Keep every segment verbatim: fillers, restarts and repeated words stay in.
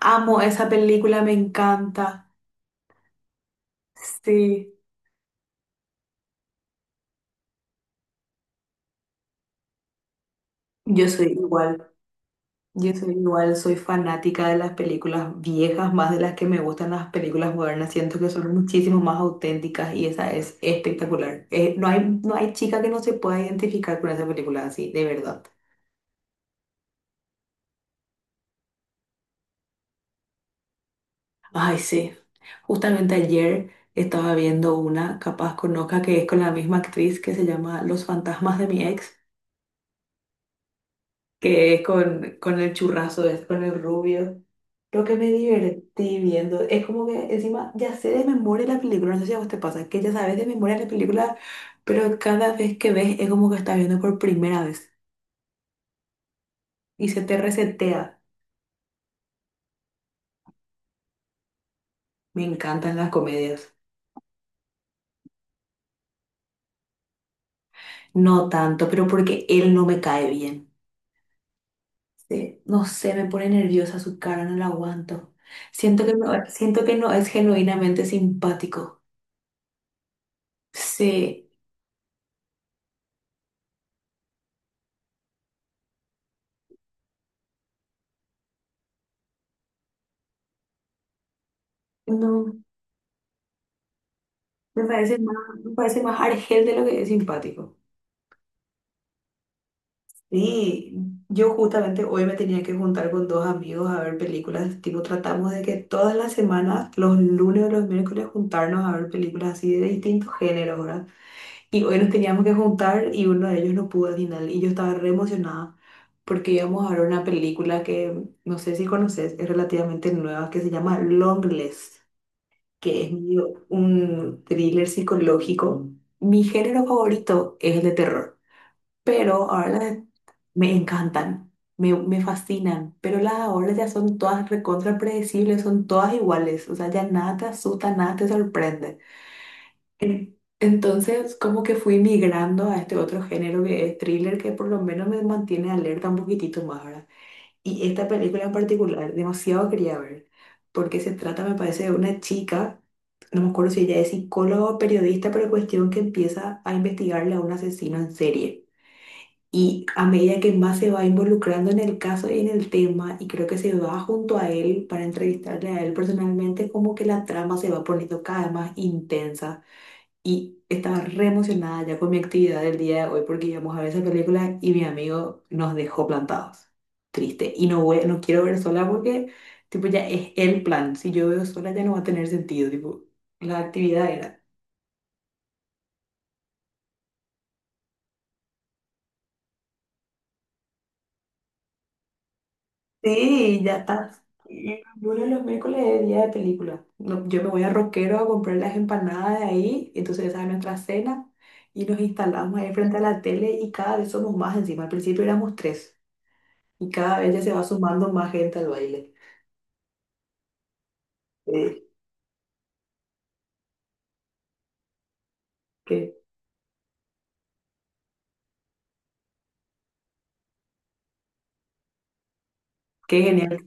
Amo esa película, me encanta. Sí, yo soy igual, yo soy igual, soy fanática de las películas viejas más de las que me gustan las películas modernas. Siento que son muchísimo más auténticas y esa es espectacular. Eh, no hay, no hay chica que no se pueda identificar con esa película, así, de verdad. Ay, sí. Justamente ayer estaba viendo una, capaz conozca, que es con la misma actriz, que se llama Los fantasmas de mi ex, que es con, con el churrazo, es con el rubio. Lo que me divertí viendo es como que encima ya sé de memoria la película, no sé si a vos te pasa, que ya sabes de memoria la película, pero cada vez que ves es como que estás viendo por primera vez y se te resetea. Me encantan las comedias. No tanto, pero porque él no me cae bien. Sí, no sé, me pone nerviosa su cara, no la aguanto. Siento que no, siento que no es genuinamente simpático. Sí, no, me parece más, me parece más argel de lo que es simpático. Sí, yo justamente hoy me tenía que juntar con dos amigos a ver películas, tipo tratamos de que todas las semanas, los lunes o los miércoles, juntarnos a ver películas así de distintos géneros, ¿verdad? Y hoy nos teníamos que juntar y uno de ellos no pudo al final y yo estaba re emocionada porque íbamos a ver una película que no sé si conoces, es relativamente nueva, que se llama Longlegs, que es medio un thriller psicológico. Mi género favorito es el de terror, pero ahora las- e, me encantan, me, me fascinan, pero las de ahora ya son todas recontra predecibles, son todas iguales, o sea, ya nada te asusta, nada te sorprende. Entonces, como que fui migrando a este otro género que es thriller, que por lo menos me mantiene alerta un poquitito más ahora. Y esta película en particular, demasiado quería ver, porque se trata, me parece, de una chica, no me acuerdo si ella es psicóloga o periodista, pero cuestión que empieza a investigarle a un asesino en serie. Y a medida que más se va involucrando en el caso y en el tema, y creo que se va junto a él para entrevistarle a él personalmente, como que la trama se va poniendo cada vez más intensa. Y estaba re emocionada ya con mi actividad del día de hoy porque íbamos a ver esa película y mi amigo nos dejó plantados. Triste. Y no voy, no quiero ver sola porque, tipo, ya es el plan. Si yo veo sola ya no va a tener sentido. Tipo, la actividad era. Sí, ya está. Y los lunes, los miércoles es día de película. No, yo me voy a Roquero a comprar las empanadas de ahí, entonces esa es nuestra cena y nos instalamos ahí frente a la tele y cada vez somos más encima. Al principio éramos tres y cada vez ya se va sumando más gente al baile. Eh, qué, qué genial.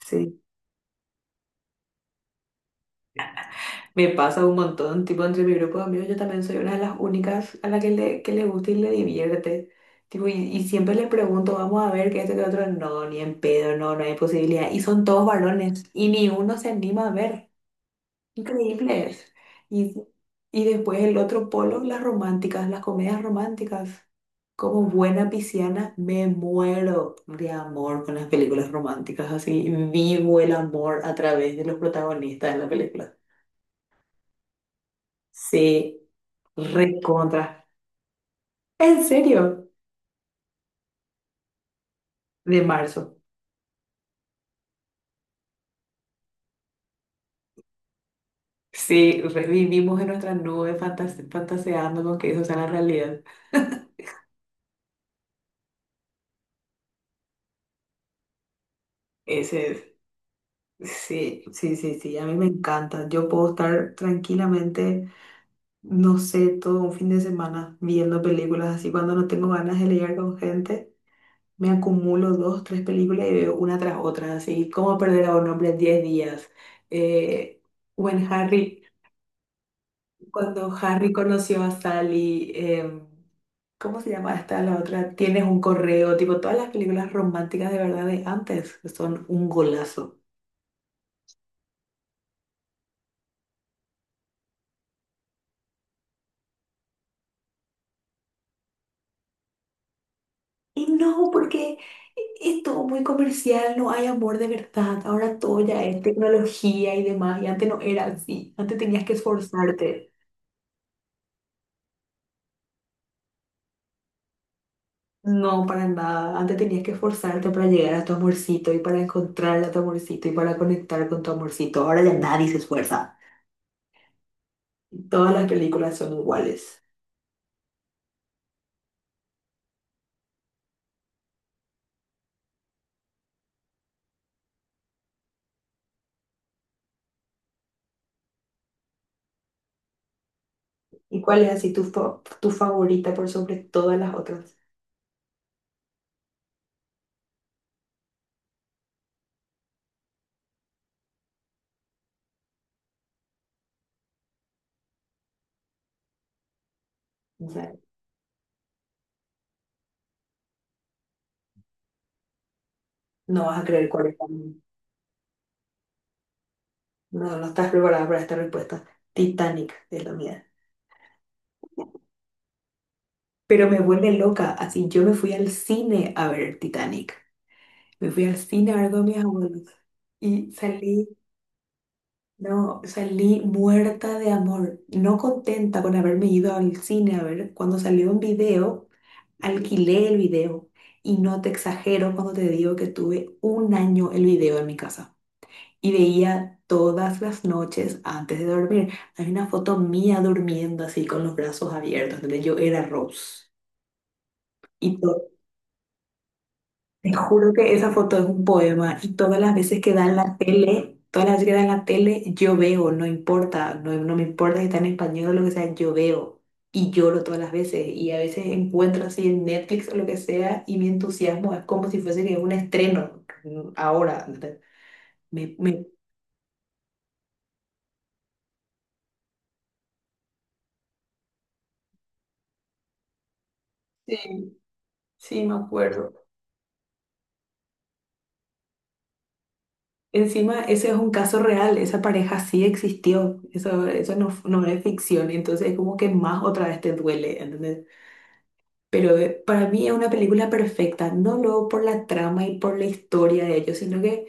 Sí. Me pasa un montón, tipo entre mi grupo de amigos yo también soy una de las únicas a la que le, que le gusta y le divierte. Tipo, y, y siempre le pregunto, vamos a ver qué este que otro, no, ni en pedo, no, no hay posibilidad. Y son todos varones y ni uno se anima a ver. Increíbles. Y, y después el otro polo, las románticas, las comedias románticas. Como buena pisciana me muero de amor con las películas románticas, así vivo el amor a través de los protagonistas de la película. Sí. Recontra. ¿En serio? De marzo. Sí, revivimos en nuestra nube fantas- fantaseando con que eso sea la realidad. Ese es. Sí, sí, sí, sí. A mí me encanta. Yo puedo estar tranquilamente, no sé, todo un fin de semana viendo películas así. Cuando no tengo ganas de leer con gente, me acumulo dos, tres películas y veo una tras otra. Así, ¿Cómo perder a un hombre en Diez días? Eh, Buen Harry. Cuando Harry conoció a Sally, em, ¿cómo se llama esta la otra? Tienes un correo, tipo todas las películas románticas de verdad de antes que son un golazo. Y no, porque es todo muy comercial, no hay amor de verdad. Ahora todo ya es tecnología y demás, y antes no era así. Antes tenías que esforzarte. No, para nada. Antes tenías que esforzarte para llegar a tu amorcito y para encontrar a tu amorcito y para conectar con tu amorcito. Ahora ya nadie se esfuerza. Todas las películas son iguales. ¿Y cuál es así tu, fa- tu favorita por sobre todas las otras? O sea, no vas a creer cuál es la mía. No, no estás preparada para esta respuesta. Titanic es la mía. Pero me vuelve loca. Así, yo me fui al cine a ver Titanic. Me fui al cine a ver con mis abuelos. Y salí, no, salí muerta de amor. No contenta con haberme ido al cine a ver. Cuando salió un video, alquilé el video. Y no te exagero cuando te digo que tuve un año el video en mi casa. Y veía todas las noches antes de dormir. Hay una foto mía durmiendo así con los brazos abiertos, donde yo era Rose. Y to- Te juro que esa foto es un poema, y todas las veces que dan la tele, todas las veces que dan la tele, yo veo, no importa, no, no me importa si está en español o lo que sea, yo veo. Y lloro todas las veces y a veces encuentro así en Netflix o lo que sea y mi entusiasmo es como si fuese que es un estreno mm, ahora. ¿Entendés? Me, me... Sí, sí, me acuerdo. Encima, ese es un caso real, esa pareja sí existió, eso, eso no, no es ficción, entonces es como que más otra vez te duele, ¿entendés? Pero eh, para mí es una película perfecta, no luego por la trama y por la historia de ellos, sino que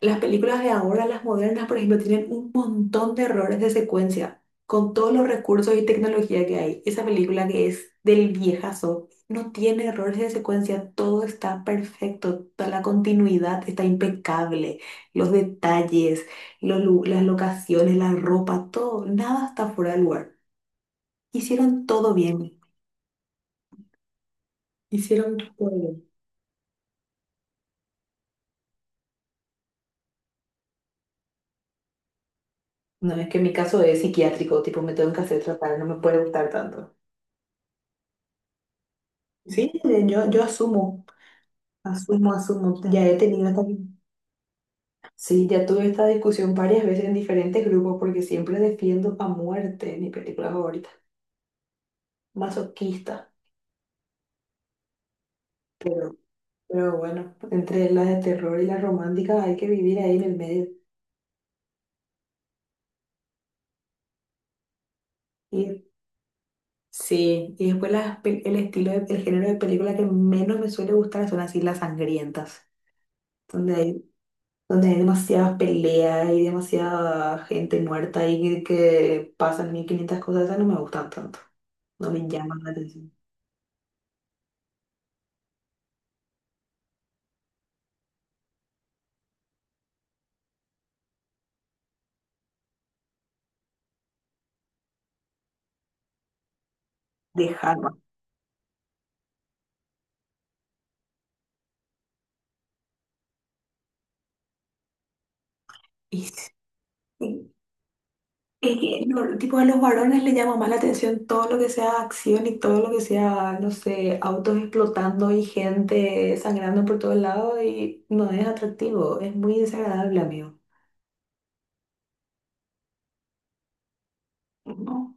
las películas de ahora, las modernas, por ejemplo, tienen un montón de errores de secuencia con todos los recursos y tecnología que hay. Esa película que es del viejazo no tiene errores de secuencia, todo está perfecto, toda la continuidad está impecable, los detalles, los lu- las locaciones, la ropa, todo, nada está fuera de lugar. Hicieron todo bien, hicieron todo bien. No, es que mi caso es psiquiátrico, tipo me tengo que hacer tratar, no me puede gustar tanto. Sí, yo, yo asumo. Asumo, asumo. Ya he tenido también, sí, ya tuve esta discusión varias veces en diferentes grupos porque siempre defiendo a muerte mi película favorita. Masoquista. Pero, pero bueno, entre las de terror y las románticas hay que vivir ahí en el medio. Y sí, y después las, pe- el estilo, de- el género de película que menos me suele gustar son así las sangrientas. Donde hay, donde hay demasiadas peleas y demasiada gente muerta y que pasan mil quinientas cosas, esas no me gustan tanto. No me llaman la atención. De Harvard. Y sí, es que no, tipo, a los varones les llama más la atención todo lo que sea acción y todo lo que sea, no sé, autos explotando y gente sangrando por todos lados y no es atractivo, es muy desagradable, amigo. ¿No?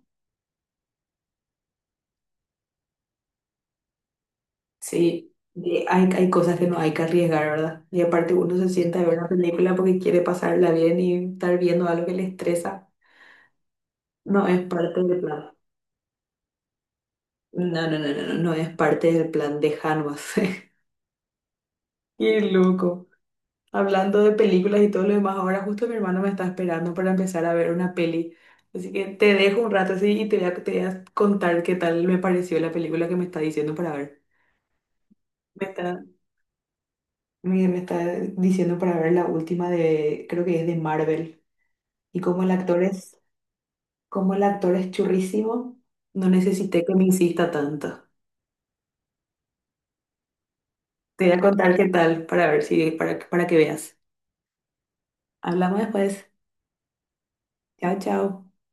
Sí, y hay, hay cosas que no hay que arriesgar, ¿verdad? Y aparte uno se sienta a ver una película porque quiere pasarla bien y estar viendo algo que le estresa. No es parte del plan. No, no, no, no, no, no es parte del plan de Hanvas. Qué loco. Hablando de películas y todo lo demás, ahora justo mi hermano me está esperando para empezar a ver una peli. Así que te dejo un rato así y te voy a, te voy a contar qué tal me pareció la película que me está diciendo para ver. Me está, me, me está diciendo para ver la última de, creo que es de Marvel. Y como el actor es, como el actor es churrísimo, no necesité que me insista tanto. Te voy a contar qué tal para ver si, para, para que veas. Hablamos después. Chao, chao.